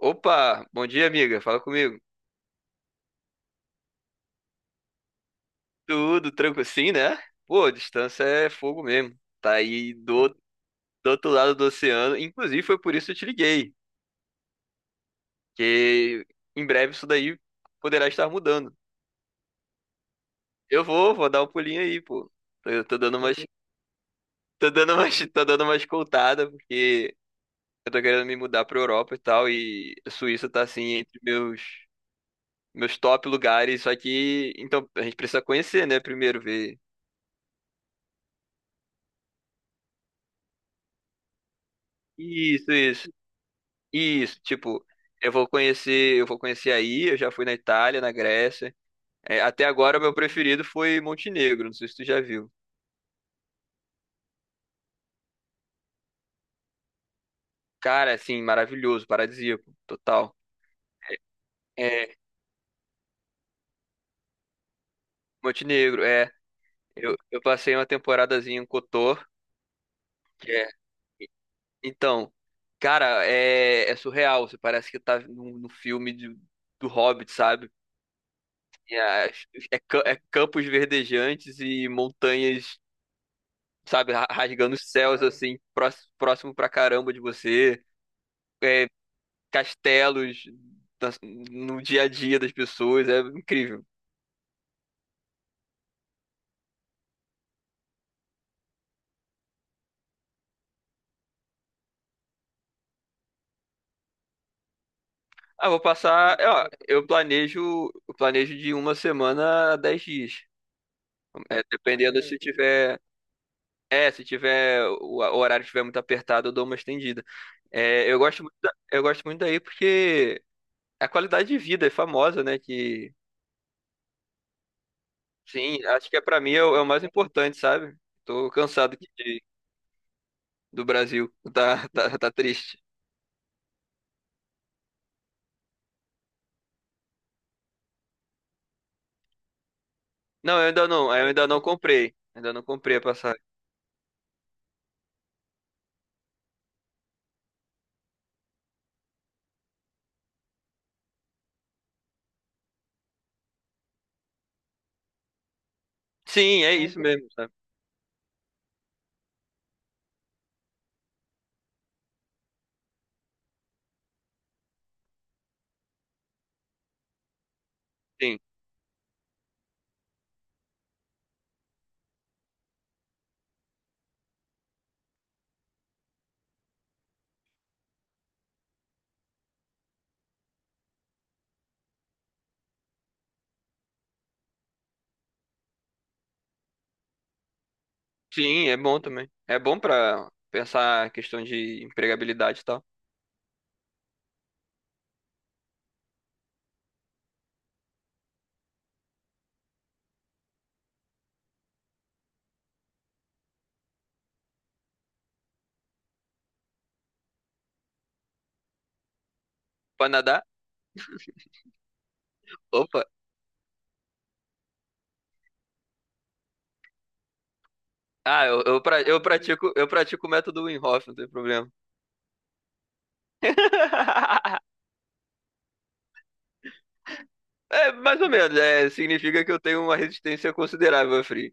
Opa, bom dia, amiga. Fala comigo. Tudo tranquilo? Sim, né? Pô, a distância é fogo mesmo. Tá aí do, do outro lado do oceano. Inclusive, foi por isso que eu te liguei. Que em breve isso daí poderá estar mudando. Eu vou dar um pulinho aí, pô. Eu tô dando umas, tô dando umas, tô dando umas escoltada, porque eu tô querendo me mudar pra Europa e tal. E a Suíça tá assim entre meus, meus top lugares. Só que, então, a gente precisa conhecer, né? Primeiro, ver. Isso, isso. Isso, tipo, eu vou conhecer aí, eu já fui na Itália, na Grécia. É, até agora o meu preferido foi Montenegro, não sei se tu já viu. Cara, assim, maravilhoso, paradisíaco, total. É, Montenegro, é. Eu passei uma temporadazinha em Kotor, que é. Então, cara, é surreal. Você parece que tá num filme de- do Hobbit, sabe? É, é campos verdejantes e montanhas sabe, rasgando os céus assim, próximo pra caramba de você, é, castelos no dia a dia das pessoas, é incrível. Ah, vou passar, é, ó, eu planejo de uma semana a 10 dias. É, dependendo se tiver, é, se tiver o horário estiver muito apertado, eu dou uma estendida. É, eu gosto muito, eu gosto muito daí porque a qualidade de vida é famosa, né? Que sim, acho que é para mim é é o mais importante, sabe? Tô cansado de do Brasil. Tá triste. Eu ainda não comprei. Ainda não comprei a passagem. Sim, é isso mesmo, sabe? Sim. Sim, é bom também. É bom pra pensar a questão de empregabilidade e tal. Pra nadar, opa. Ah, eu pratico o método Wim Hof, não tem problema. É, mais ou menos, é, significa que eu tenho uma resistência considerável a frio.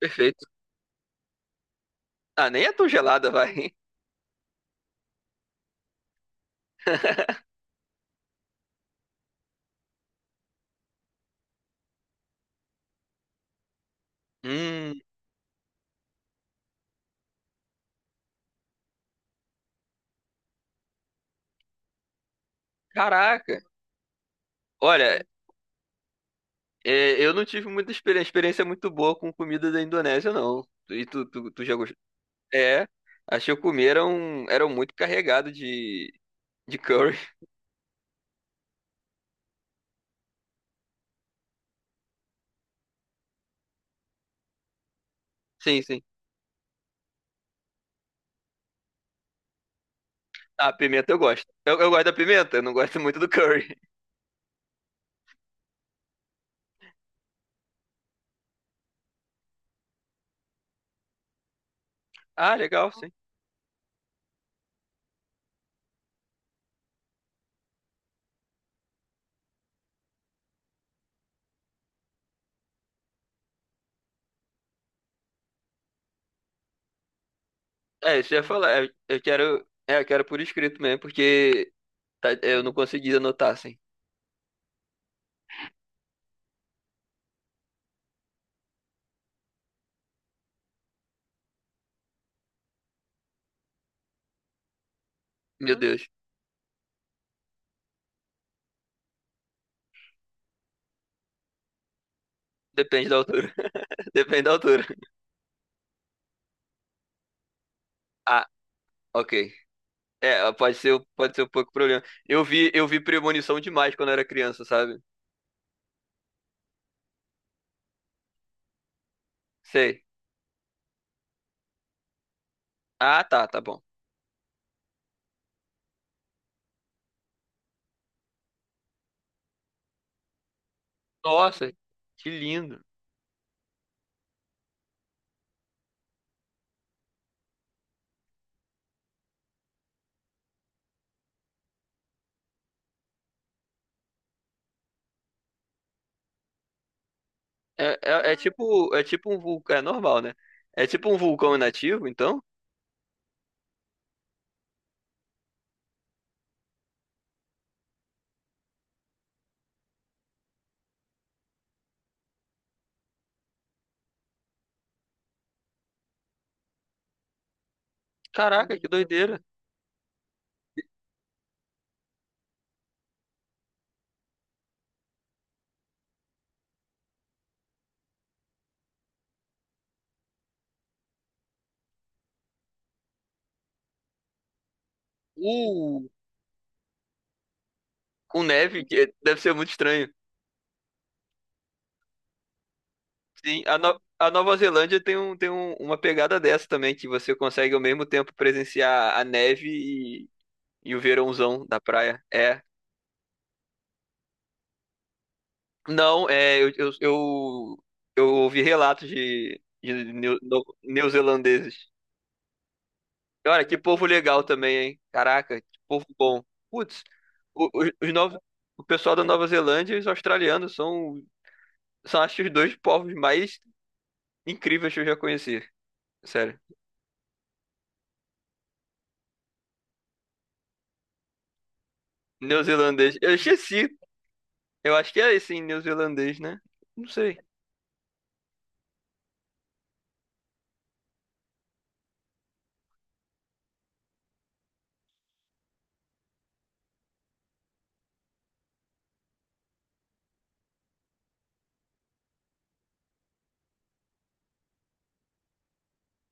Perfeito. Ah, nem é tão gelada, vai. Hum, caraca. Olha, é, eu não tive muita experiência, experiência muito boa com comida da Indonésia, não. E tu já gostou? É, achei que eu comi eram muito carregado de curry. Sim, sim. Ah, pimenta eu gosto. Eu gosto da pimenta, eu não gosto muito do curry. Ah, legal, sim. É, isso eu ia falar. É, eu quero, é, eu quero por escrito mesmo, porque eu não consegui anotar, assim. Meu Deus. Depende da altura. Depende da altura. Ah, ok. É, pode ser um pouco problema. Eu vi Premonição demais quando eu era criança, sabe? Sei. Ah, tá, tá bom. Nossa, que lindo. É, é tipo um vulcão, é normal, né? É tipo um vulcão inativo, então? Caraca, que doideira. Uh, com neve, deve ser muito estranho. Sim, a, No- a Nova Zelândia tem, um, uma pegada dessa também, que você consegue ao mesmo tempo presenciar a neve e, e o verãozão da praia. É. Não, é, eu ouvi relatos de neozelandeses. Cara, que povo legal também, hein? Caraca, que povo bom. Putz, os novos, o pessoal da Nova Zelândia e os australianos são, são acho que os dois povos mais incríveis que eu já conheci. Sério. Neozelandês. Eu esqueci. Eu acho que é esse em neozelandês, né? Não sei.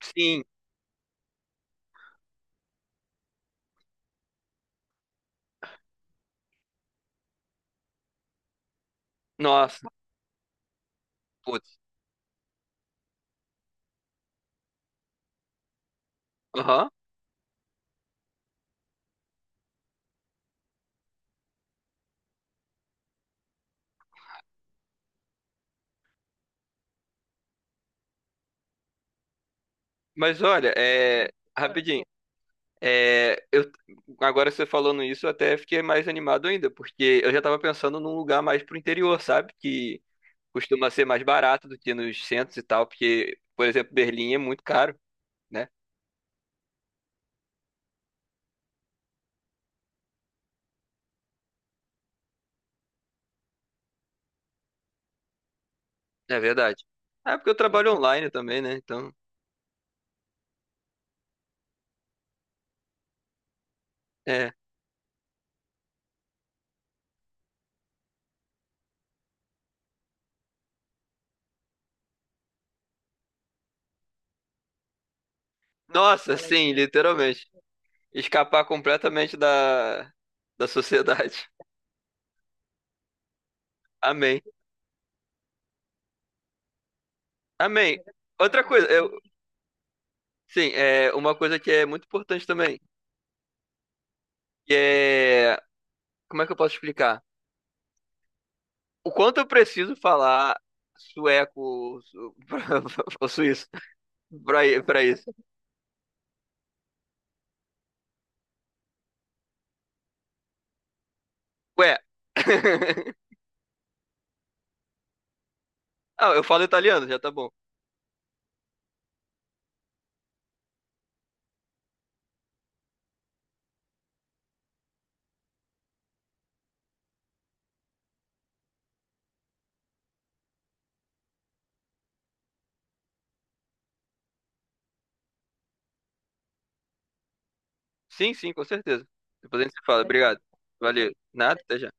Sim. Nossa, putz. Aham. Mas olha, é. Rapidinho. É, eu, agora você falando isso, eu até fiquei mais animado ainda, porque eu já tava pensando num lugar mais pro interior, sabe? Que costuma ser mais barato do que nos centros e tal, porque, por exemplo, Berlim é muito caro, né? É verdade. É porque eu trabalho online também, né? Então, é. Nossa, sim, literalmente. Escapar completamente da, da sociedade. Amém. Amém. Outra coisa, eu, sim, é uma coisa que é muito importante também, que é, como é que eu posso explicar? O quanto eu preciso falar sueco ou ou suíço pra, pra isso? Ué, Ah, eu falo italiano, já tá bom. Sim, sim, com certeza. Depois a gente se fala. Obrigado. Valeu. Nada, até já.